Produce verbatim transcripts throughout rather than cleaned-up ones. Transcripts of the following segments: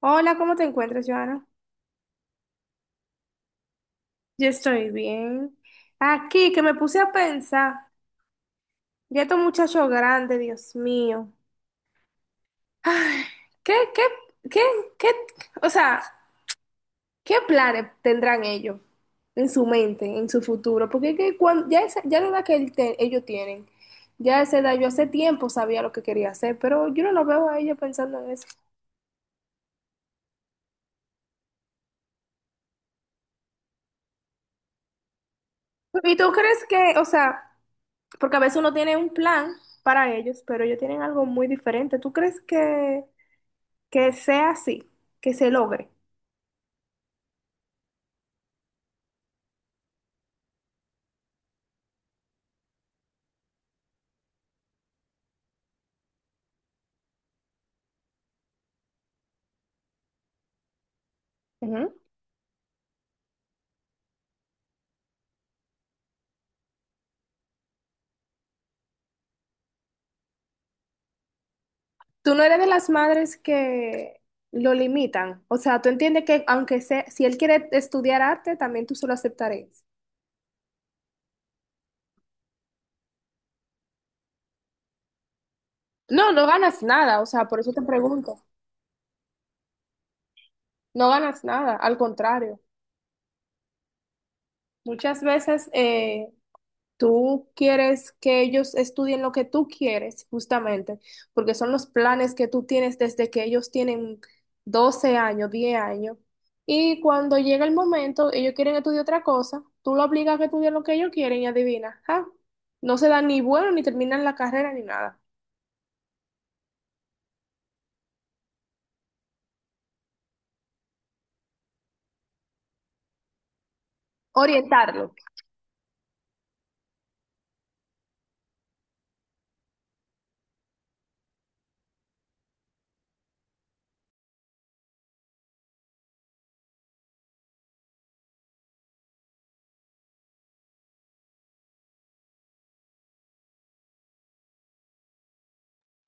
Hola, ¿cómo te encuentras, Joana? Yo estoy bien. Aquí, que me puse a pensar, ya estos muchachos grandes, Dios mío. ¿Qué, qué, qué, qué, o sea, qué planes tendrán ellos en su mente, en su futuro? Porque es que cuando, ya, esa- ya la edad que él te- ellos tienen, ya a esa edad, yo hace tiempo sabía lo que quería hacer, pero yo no lo veo a ellos pensando en eso. ¿Y tú crees que, o sea, porque a veces uno tiene un plan para ellos, pero ellos tienen algo muy diferente? ¿Tú crees que... que sea así, que se logre? Ujú. Tú no eres de las madres que lo limitan. O sea, tú entiendes que aunque sea, si él quiere estudiar arte, también tú se lo aceptarías. No, no ganas nada, o sea, por eso te pregunto. No ganas nada, al contrario. Muchas veces eh, Tú quieres que ellos estudien lo que tú quieres, justamente, porque son los planes que tú tienes desde que ellos tienen doce años, diez años. Y cuando llega el momento, ellos quieren estudiar otra cosa, tú lo obligas a que estudien lo que ellos quieren y adivina, ah, no se dan ni bueno ni terminan la carrera ni nada. Orientarlo,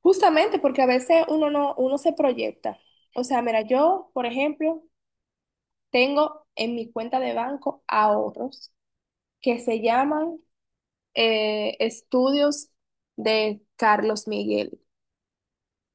justamente porque a veces uno no, uno se proyecta. O sea, mira, yo, por ejemplo, tengo en mi cuenta de banco ahorros que se llaman eh, estudios de Carlos Miguel.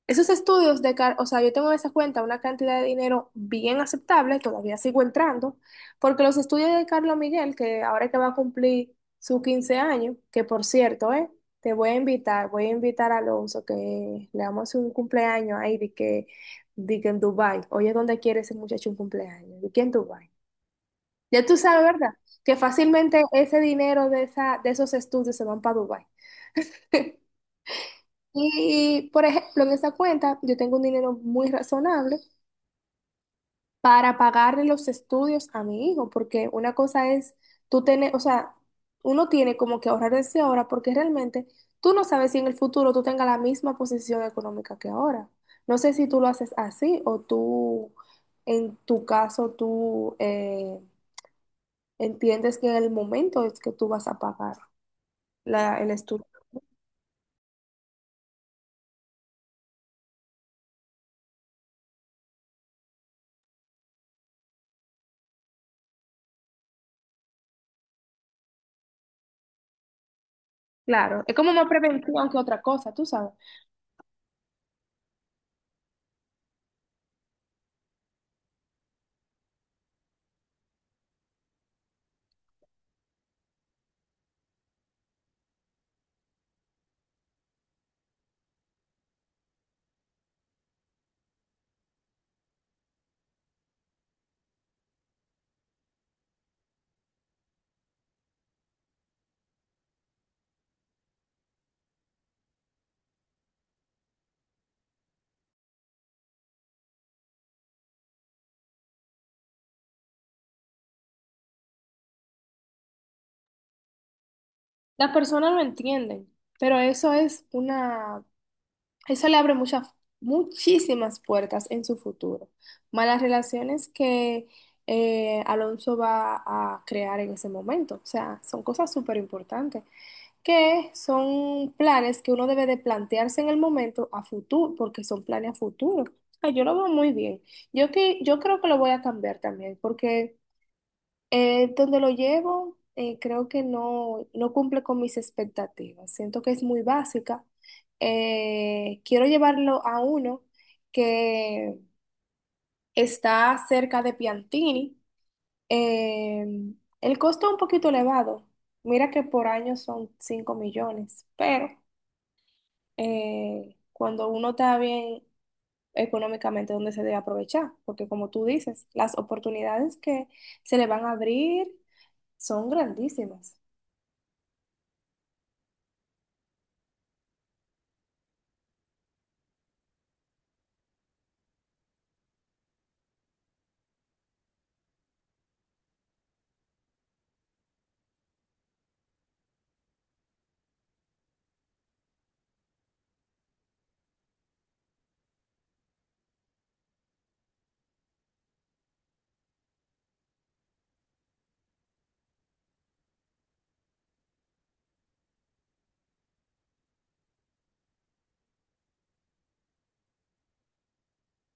Esos estudios de Carlos, o sea, yo tengo en esa cuenta una cantidad de dinero bien aceptable, todavía sigo entrando, porque los estudios de Carlos Miguel, que ahora que va a cumplir sus quince años, que por cierto, eh, te voy a invitar, voy a invitar a Alonso, que le vamos a hacer un cumpleaños ahí, de que, de que en Dubái, oye, ¿dónde quiere ese muchacho un cumpleaños? De que en Dubái. Ya tú sabes, ¿verdad? Que fácilmente ese dinero de, esa, de esos estudios se van para Dubái. Y, por ejemplo, en esa cuenta yo tengo un dinero muy razonable para pagarle los estudios a mi hijo, porque una cosa es tú tener, o sea, uno tiene como que ahorrar desde ahora, porque realmente tú no sabes si en el futuro tú tengas la misma posición económica que ahora. No sé si tú lo haces así o tú, en tu caso, tú eh, entiendes que en el momento es que tú vas a pagar la- el estudio. Claro, es como más prevención que otra cosa, tú sabes. Las personas no entienden, pero eso es una, eso le abre muchas, muchísimas puertas en su futuro. Malas relaciones que eh, Alonso va a crear en ese momento. O sea, son cosas súper importantes, que son planes que uno debe de plantearse en el momento a futuro, porque son planes a futuro. O sea, yo lo veo muy bien. Yo que, yo creo que lo voy a cambiar también, porque eh, donde lo llevo, eh, creo que no, no cumple con mis expectativas. Siento que es muy básica. Eh, quiero llevarlo a uno que está cerca de Piantini. Eh, el costo es un poquito elevado. Mira que por año son cinco millones, pero eh, cuando uno está bien económicamente, donde se debe aprovechar, porque como tú dices, las oportunidades que se le van a abrir son grandísimas.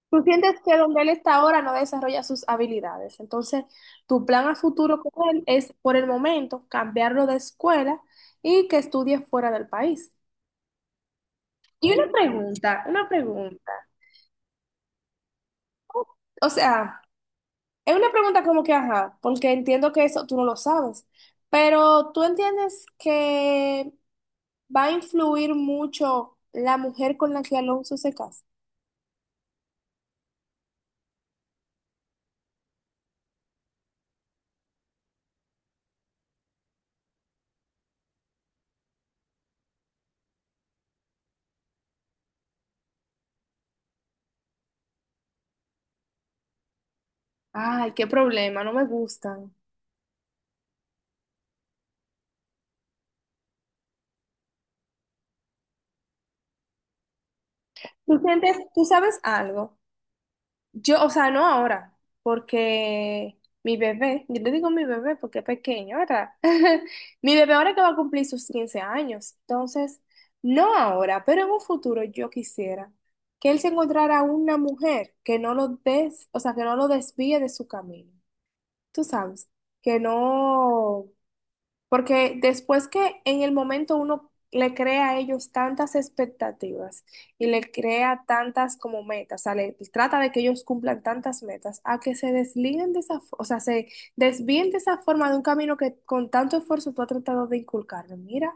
Tú sientes que donde él está ahora no desarrolla sus habilidades. Entonces, tu plan a futuro con él es, por el momento, cambiarlo de escuela y que estudie fuera del país. Y una pregunta, una pregunta. O sea, es una pregunta como que, ajá, porque entiendo que eso tú no lo sabes, pero tú entiendes que va a influir mucho la mujer con la que Alonso se casa. Ay, qué problema, no me gustan. ¿Tú sientes, tú sabes algo? Yo, o sea, no ahora, porque mi bebé, yo le digo mi bebé porque es pequeño, ¿verdad? Mi bebé ahora que va a cumplir sus quince años, entonces, no ahora, pero en un futuro yo quisiera que él se encontrara una mujer que no lo des, o sea, que no lo desvíe de su camino. Tú sabes, que no porque después que en el momento uno le crea a ellos tantas expectativas y le crea tantas como metas, o sea, le trata de que ellos cumplan tantas metas, a que se desliguen de esa, fo- o sea, se desvíen de esa forma de un camino que con tanto esfuerzo tú has tratado de inculcarle. Mira,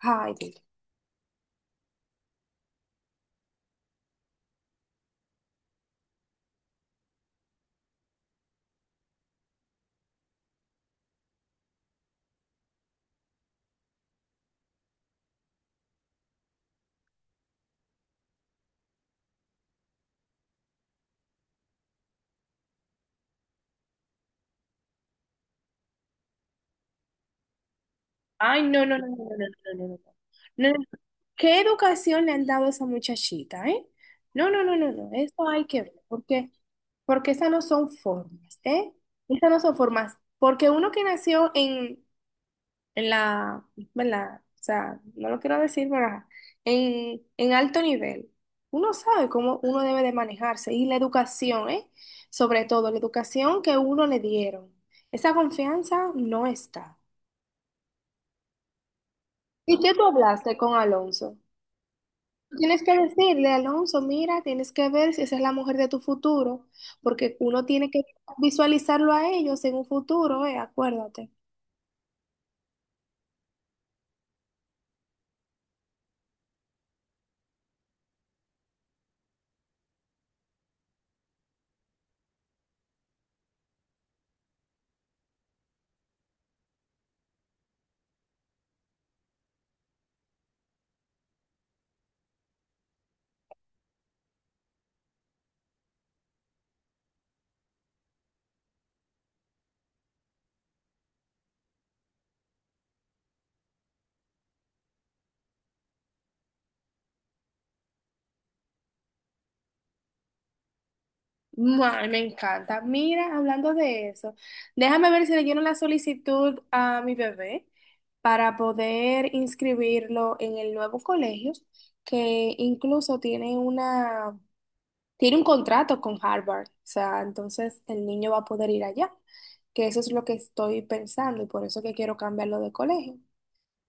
ay, Dios. Ay, no, no, no, no, no, no, no, no, no. No, no. ¿Qué educación le han dado a esa muchachita, eh? No, no, no, no, no, eso hay que ver, porque Porque esas no son formas, ¿eh? Esas no son formas. Porque uno que nació en, en la, ¿verdad? O sea, no lo quiero decir, ¿verdad? En, en alto nivel, uno sabe cómo uno debe de manejarse. Y la educación, ¿eh? Sobre todo, la educación que uno le dieron. Esa confianza no está. ¿Y qué tú hablaste con Alonso? Tienes que decirle, Alonso, mira, tienes que ver si esa es la mujer de tu futuro, porque uno tiene que visualizarlo a ellos en un futuro, eh, acuérdate. Ay, me encanta. Mira, hablando de eso, déjame ver si le lleno la solicitud a mi bebé para poder inscribirlo en el nuevo colegio, que incluso tiene una tiene un contrato con Harvard, o sea, entonces el niño va a poder ir allá, que eso es lo que estoy pensando y por eso que quiero cambiarlo de colegio.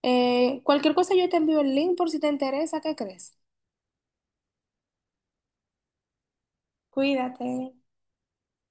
Eh, cualquier cosa yo te envío el link por si te interesa, ¿qué crees? Cuídate.